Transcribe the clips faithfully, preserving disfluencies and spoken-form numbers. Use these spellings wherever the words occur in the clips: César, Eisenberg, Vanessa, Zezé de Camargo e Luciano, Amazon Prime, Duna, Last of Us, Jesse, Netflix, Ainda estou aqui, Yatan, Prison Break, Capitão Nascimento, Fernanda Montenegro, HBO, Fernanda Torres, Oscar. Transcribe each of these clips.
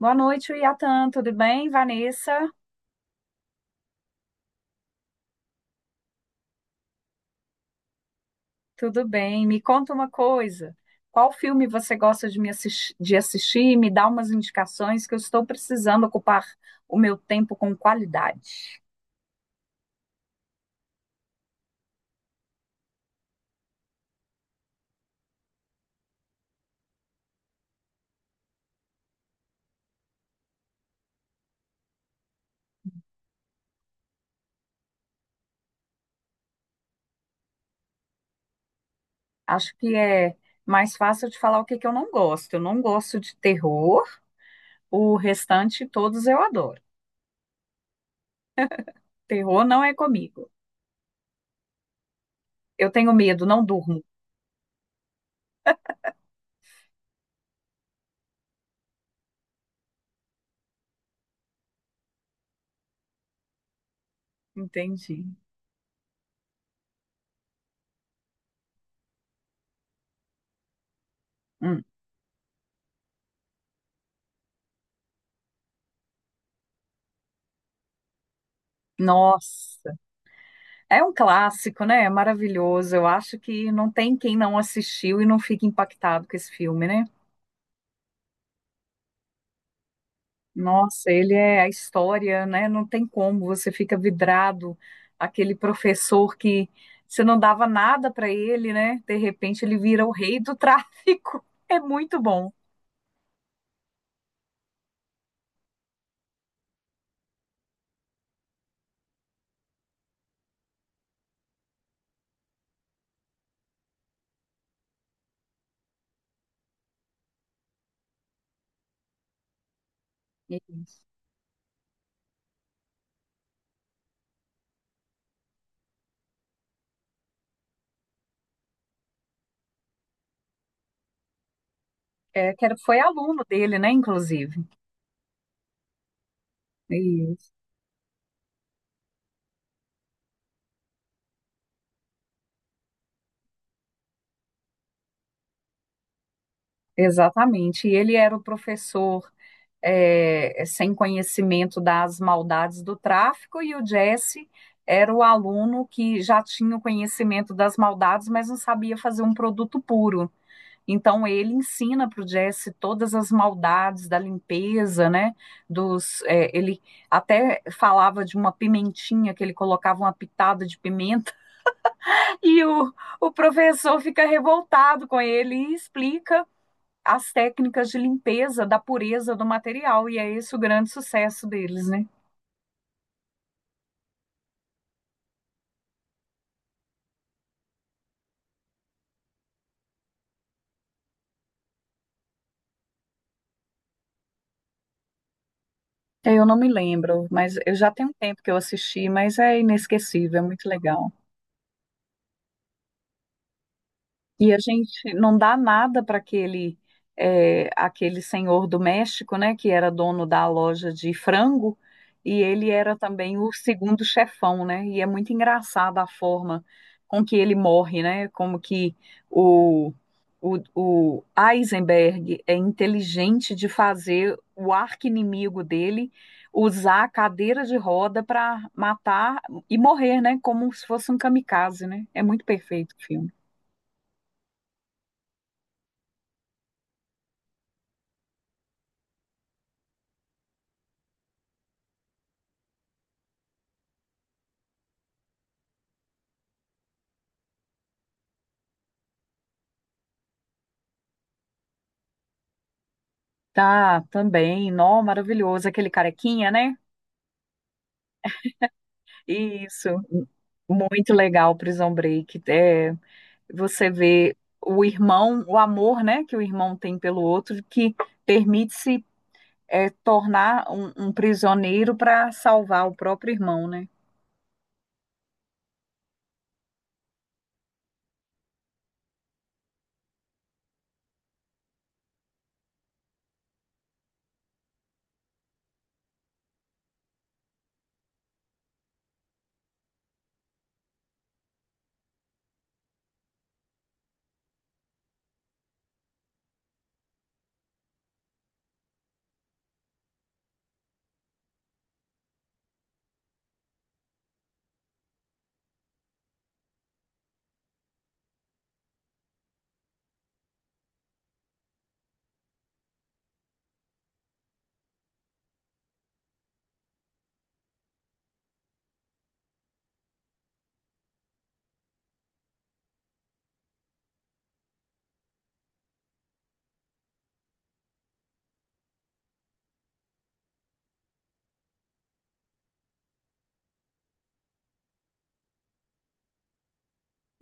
Boa noite, Yatan. Tudo bem, Vanessa? Tudo bem. Me conta uma coisa. Qual filme você gosta de me assis- de assistir? Me dá umas indicações que eu estou precisando ocupar o meu tempo com qualidade. Acho que é mais fácil de falar o que que eu não gosto. Eu não gosto de terror. O restante, todos eu adoro. Terror não é comigo. Eu tenho medo, não durmo. Entendi. Hum. Nossa. É um clássico, né? É maravilhoso. Eu acho que não tem quem não assistiu e não fique impactado com esse filme, né? Nossa, ele é a história, né? Não tem como, você fica vidrado. Aquele professor que você não dava nada para ele, né? De repente ele vira o rei do tráfico. É muito bom. Isso. É, que era- foi aluno dele, né? Inclusive. Isso. Exatamente. E ele era o professor é, é, sem conhecimento das maldades do tráfico, e o Jesse era o aluno que já tinha o conhecimento das maldades, mas não sabia fazer um produto puro. Então ele ensina para o Jesse todas as maldades da limpeza, né? Dos, é, ele até falava de uma pimentinha que ele colocava uma pitada de pimenta e o, o professor fica revoltado com ele e explica as técnicas de limpeza da pureza do material, e é esse o grande sucesso deles, né? Eu não me lembro, mas eu já tenho um tempo que eu assisti, mas é inesquecível, é muito legal. E a gente não dá nada para aquele eh, aquele senhor do México, né, que era dono da loja de frango, e ele era também o segundo chefão, né? E é muito engraçada a forma com que ele morre, né? Como que o, o, o Eisenberg é inteligente de fazer o arqui-inimigo dele usar a cadeira de roda para matar e morrer, né? Como se fosse um kamikaze, né? É muito perfeito o filme. Tá, também. Nó, maravilhoso. Aquele carequinha, né? Isso. Muito legal, Prison Break. É, você vê o irmão, o amor, né, que o irmão tem pelo outro, que permite-se é, tornar um, um prisioneiro para salvar o próprio irmão, né?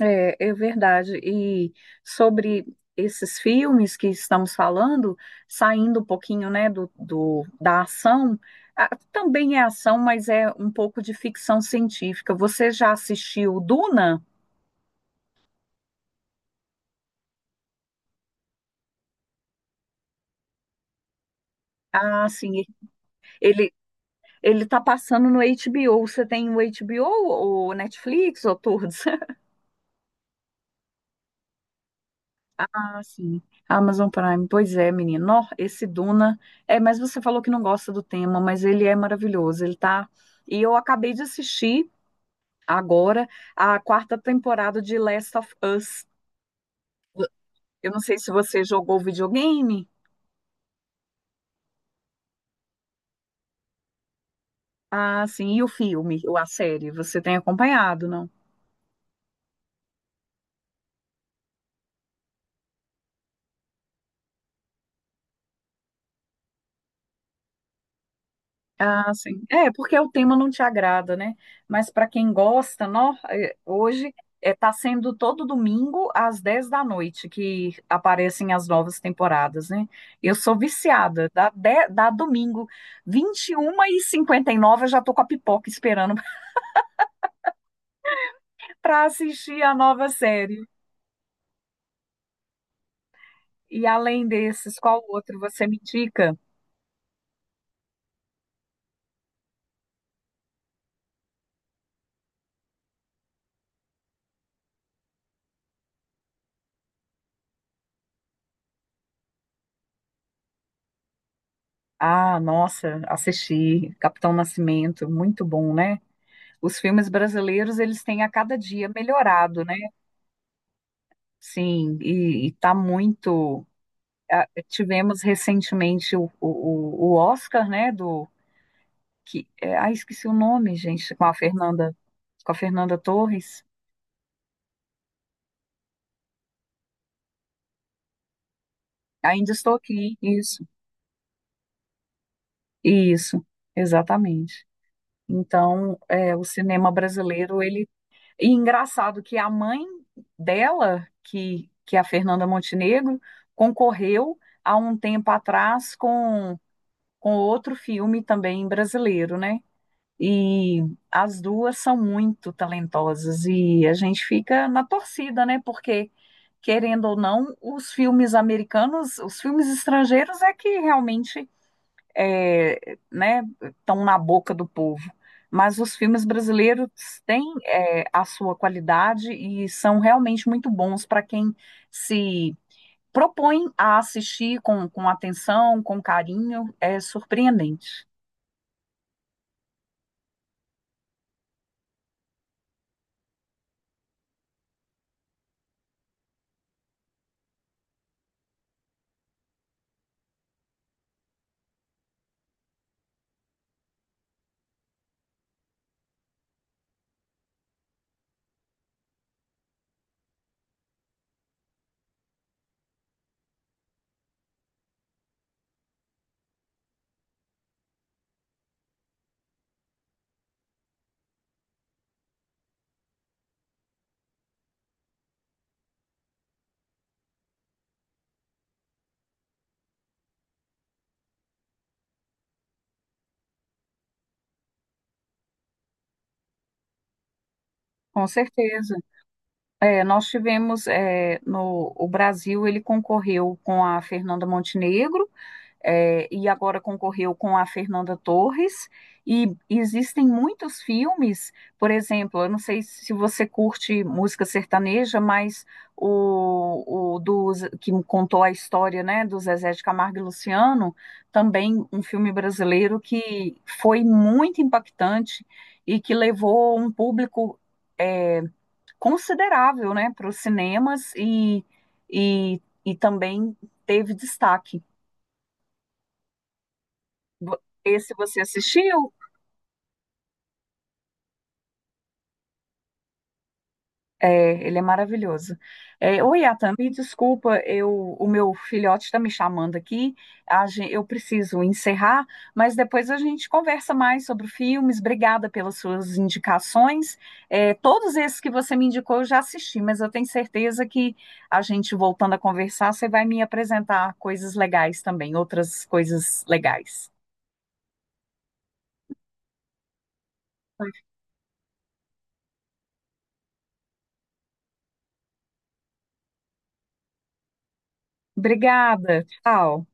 É, é verdade. E sobre esses filmes que estamos falando, saindo um pouquinho, né, do, do- da ação, ah, também é ação, mas é um pouco de ficção científica. Você já assistiu Duna? Ah, sim. Ele ele está passando no H B O. Você tem o H B O ou Netflix ou todos? Ah, sim. Amazon Prime, pois é, menino. Nó, esse Duna. É, mas você falou que não gosta do tema, mas ele é maravilhoso. Ele tá. E eu acabei de assistir agora a quarta temporada de Last of Us. Eu não sei se você jogou o videogame. Ah, sim. E o filme, ou a série, você tem acompanhado, não? Ah, sim. É, porque o tema não te agrada, né? Mas para quem gosta, nó, é, hoje está sendo todo domingo às dez da noite que aparecem as novas temporadas, né? Eu sou viciada. Dá, de- dá domingo, vinte e uma e cinquenta e nove, eu já tô com a pipoca esperando para assistir a nova série. E além desses, qual outro você me indica? Ah, nossa, assisti Capitão Nascimento, muito bom, né? Os filmes brasileiros, eles têm a cada dia melhorado, né? Sim, e, e tá muito. ah, Tivemos recentemente o, o, o Oscar, né? Do que, é, ah, esqueci o nome, gente, com a Fernanda, com a Fernanda Torres. Ainda estou aqui, isso, isso, exatamente. Então, é, o cinema brasileiro, ele. E engraçado que a mãe dela, que, que é a Fernanda Montenegro, concorreu há um tempo atrás com com outro filme também brasileiro, né? E as duas são muito talentosas e a gente fica na torcida, né? Porque, querendo ou não, os filmes americanos, os filmes estrangeiros é que realmente é, né, estão na boca do povo. Mas os filmes brasileiros têm é, a sua qualidade e são realmente muito bons para quem se propõe a assistir com, com atenção, com carinho. É surpreendente. Com certeza. É, nós tivemos é, no o Brasil ele concorreu com a Fernanda Montenegro é, e agora concorreu com a Fernanda Torres e existem muitos filmes, por exemplo, eu não sei se você curte música sertaneja, mas o, o do Z- que contou a história, né, do Zezé de Camargo e Luciano, também um filme brasileiro que foi muito impactante e que levou um público é, considerável, né, para os cinemas e, e, e também teve destaque. Vo- Esse você assistiu? É, ele é maravilhoso. É, oi, Atan, me desculpa, eu, o meu filhote está me chamando aqui. A gen- eu preciso encerrar, mas depois a gente conversa mais sobre filmes. Obrigada pelas suas indicações. É, todos esses que você me indicou eu já assisti, mas eu tenho certeza que a gente voltando a conversar, você vai me apresentar coisas legais também, outras coisas legais. Obrigada, tchau.